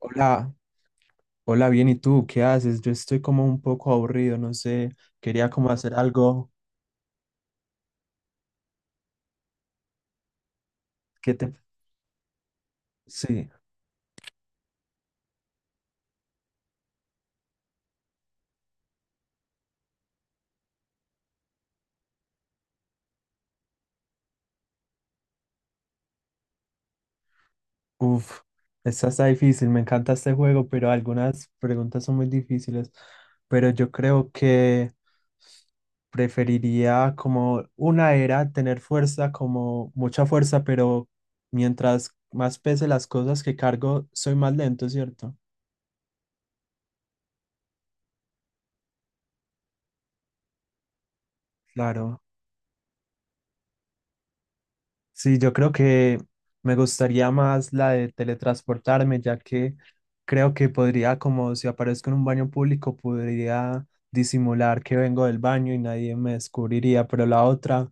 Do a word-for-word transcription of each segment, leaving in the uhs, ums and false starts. Hola, hola, bien, ¿y tú qué haces? Yo estoy como un poco aburrido, no sé, quería como hacer algo que te... Sí, uff, esta está difícil, me encanta este juego, pero algunas preguntas son muy difíciles, pero yo creo que preferiría como una era tener fuerza, como mucha fuerza, pero mientras más pese las cosas que cargo, soy más lento, ¿cierto? Claro. Sí, yo creo que me gustaría más la de teletransportarme, ya que creo que podría, como si aparezco en un baño público, podría disimular que vengo del baño y nadie me descubriría, pero la otra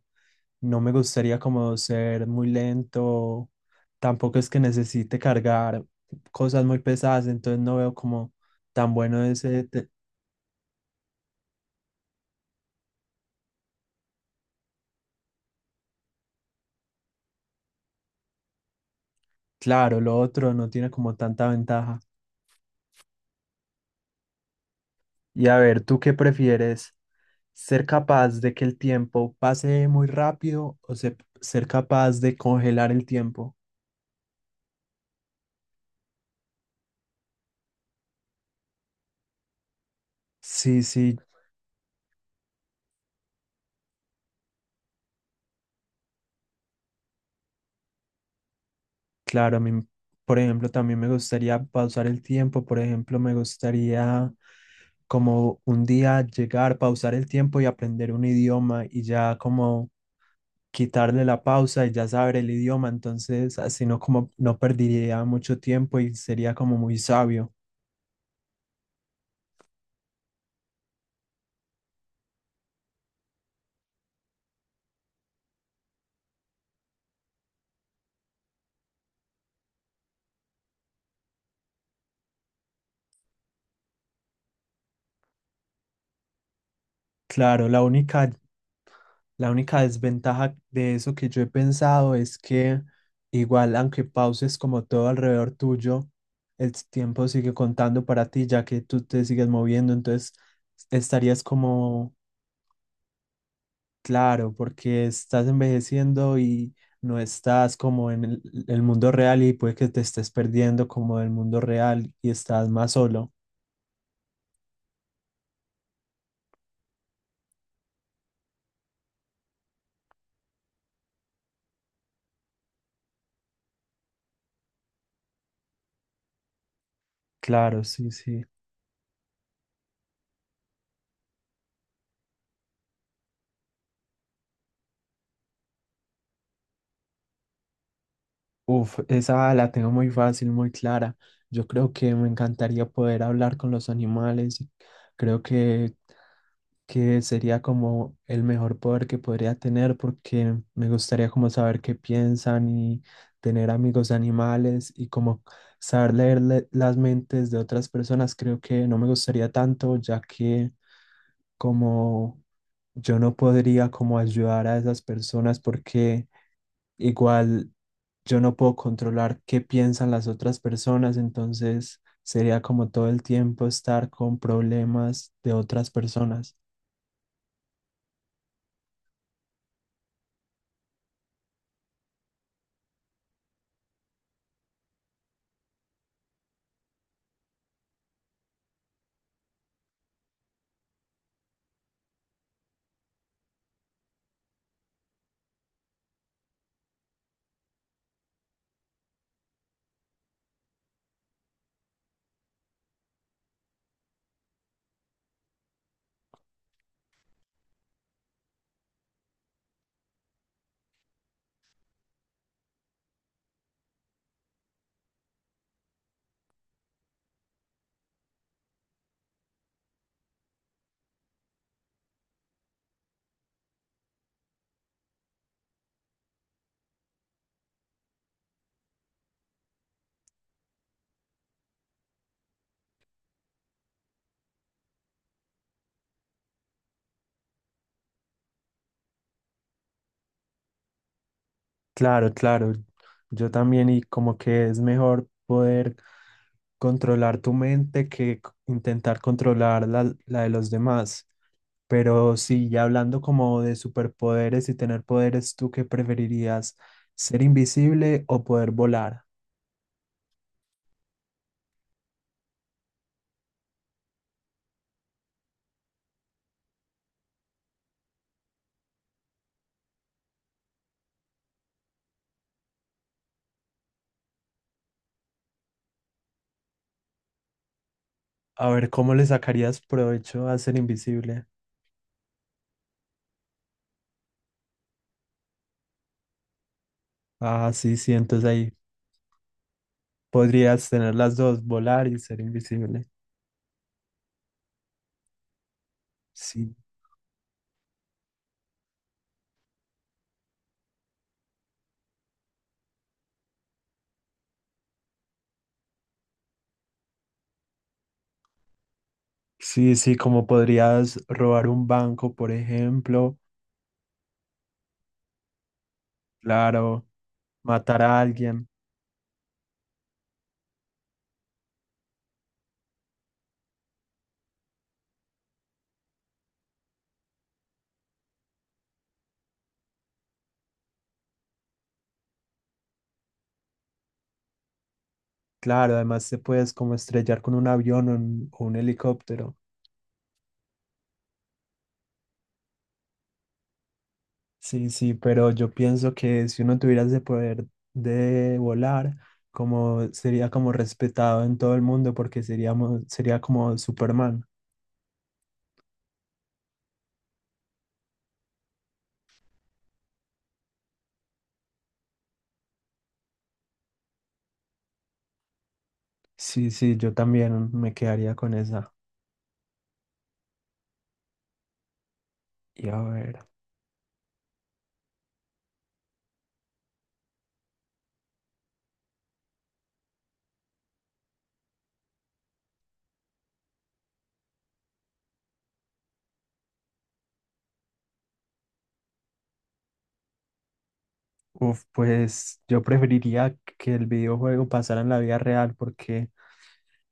no me gustaría como ser muy lento, tampoco es que necesite cargar cosas muy pesadas, entonces no veo como tan bueno ese, te- claro, lo otro no tiene como tanta ventaja. Y a ver, ¿tú qué prefieres? ¿Ser capaz de que el tiempo pase muy rápido o se- ser capaz de congelar el tiempo? Sí, sí, claro, a mí, por ejemplo, también me gustaría pausar el tiempo, por ejemplo, me gustaría como un día llegar, pausar el tiempo y aprender un idioma y ya como quitarle la pausa y ya saber el idioma, entonces así no como no perdería mucho tiempo y sería como muy sabio. Claro, la única La única desventaja de eso que yo he pensado es que igual, aunque pauses como todo alrededor tuyo, el tiempo sigue contando para ti ya que tú te sigues moviendo, entonces estarías como, claro, porque estás envejeciendo y no estás como en el, el mundo real y puede que te estés perdiendo como del mundo real y estás más solo. Claro, sí, sí. Uf, esa la tengo muy fácil, muy clara. Yo creo que me encantaría poder hablar con los animales. y Creo que, que sería como el mejor poder que podría tener porque me gustaría como saber qué piensan y tener amigos animales y como saber leer le- las mentes de otras personas. Creo que no me gustaría tanto ya que como yo no podría como ayudar a esas personas porque igual yo no puedo controlar qué piensan las otras personas, entonces sería como todo el tiempo estar con problemas de otras personas. Claro, claro. Yo también y como que es mejor poder controlar tu mente que c- intentar controlar la, la de los demás. Pero sí, ya hablando como de superpoderes y tener poderes, ¿tú qué preferirías? ¿Ser invisible o poder volar? A ver, ¿cómo le sacarías provecho a ser invisible? Ah, sí, sí, entonces ahí podrías tener las dos, volar y ser invisible. Sí, sí, sí, como podrías robar un banco, por ejemplo, claro, matar a alguien, claro, además te puedes como estrellar con un avión o un, o un helicóptero. Sí, sí, pero yo pienso que si uno tuviera ese poder de volar, como sería como respetado en todo el mundo porque seríamos, sería como Superman. Sí, sí, yo también me quedaría con esa. Y a ver. Uf, pues yo preferiría que el videojuego pasara en la vida real porque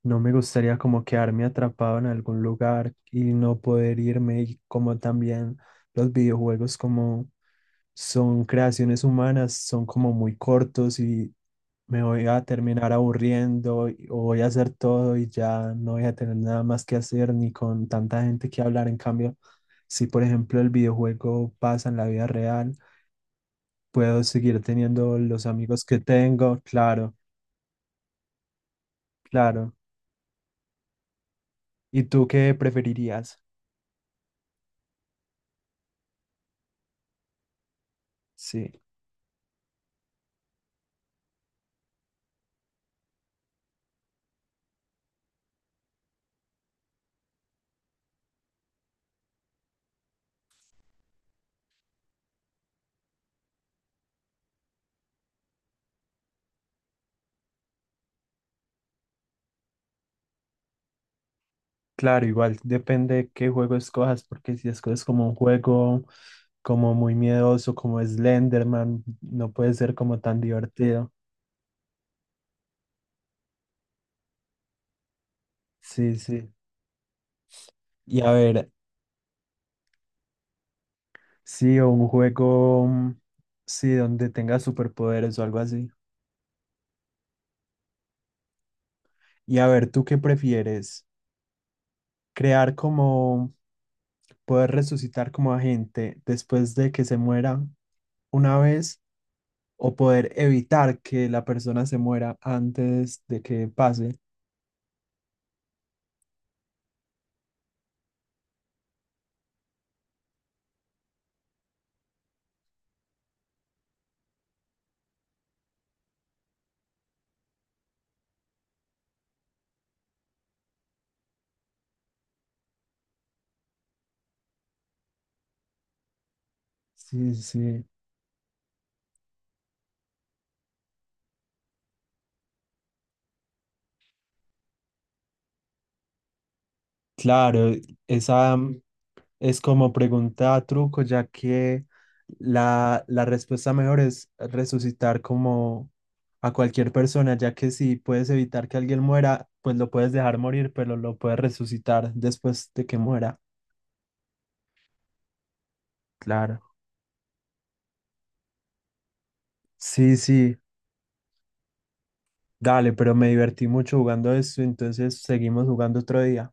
no me gustaría como quedarme atrapado en algún lugar y no poder irme y como también los videojuegos como son creaciones humanas, son como muy cortos y me voy a terminar aburriendo y- o voy a hacer todo y ya no voy a tener nada más que hacer ni con tanta gente que hablar. En cambio, si por ejemplo el videojuego pasa en la vida real, puedo seguir teniendo los amigos que tengo, claro, claro. ¿Y tú qué preferirías? Sí, claro, igual depende qué juego escojas, porque si escoges como un juego como muy miedoso, como Slenderman, no puede ser como tan divertido. Sí, sí. Y a ver, sí, o un juego, mm, sí, donde tenga superpoderes o algo así. Y a ver, ¿tú qué prefieres? ¿Crear como, ¿Poder resucitar como a gente después de que se muera una vez? ¿O poder evitar que la persona se muera antes de que pase? Sí, sí. Claro, esa mm, es como pregunta truco, ya que la, la respuesta mejor es resucitar como a cualquier persona, ya que si puedes evitar que alguien muera, pues lo puedes dejar morir, pero lo puedes resucitar después de que muera. Claro. Sí, sí, dale, pero me divertí mucho jugando esto, entonces seguimos jugando otro día.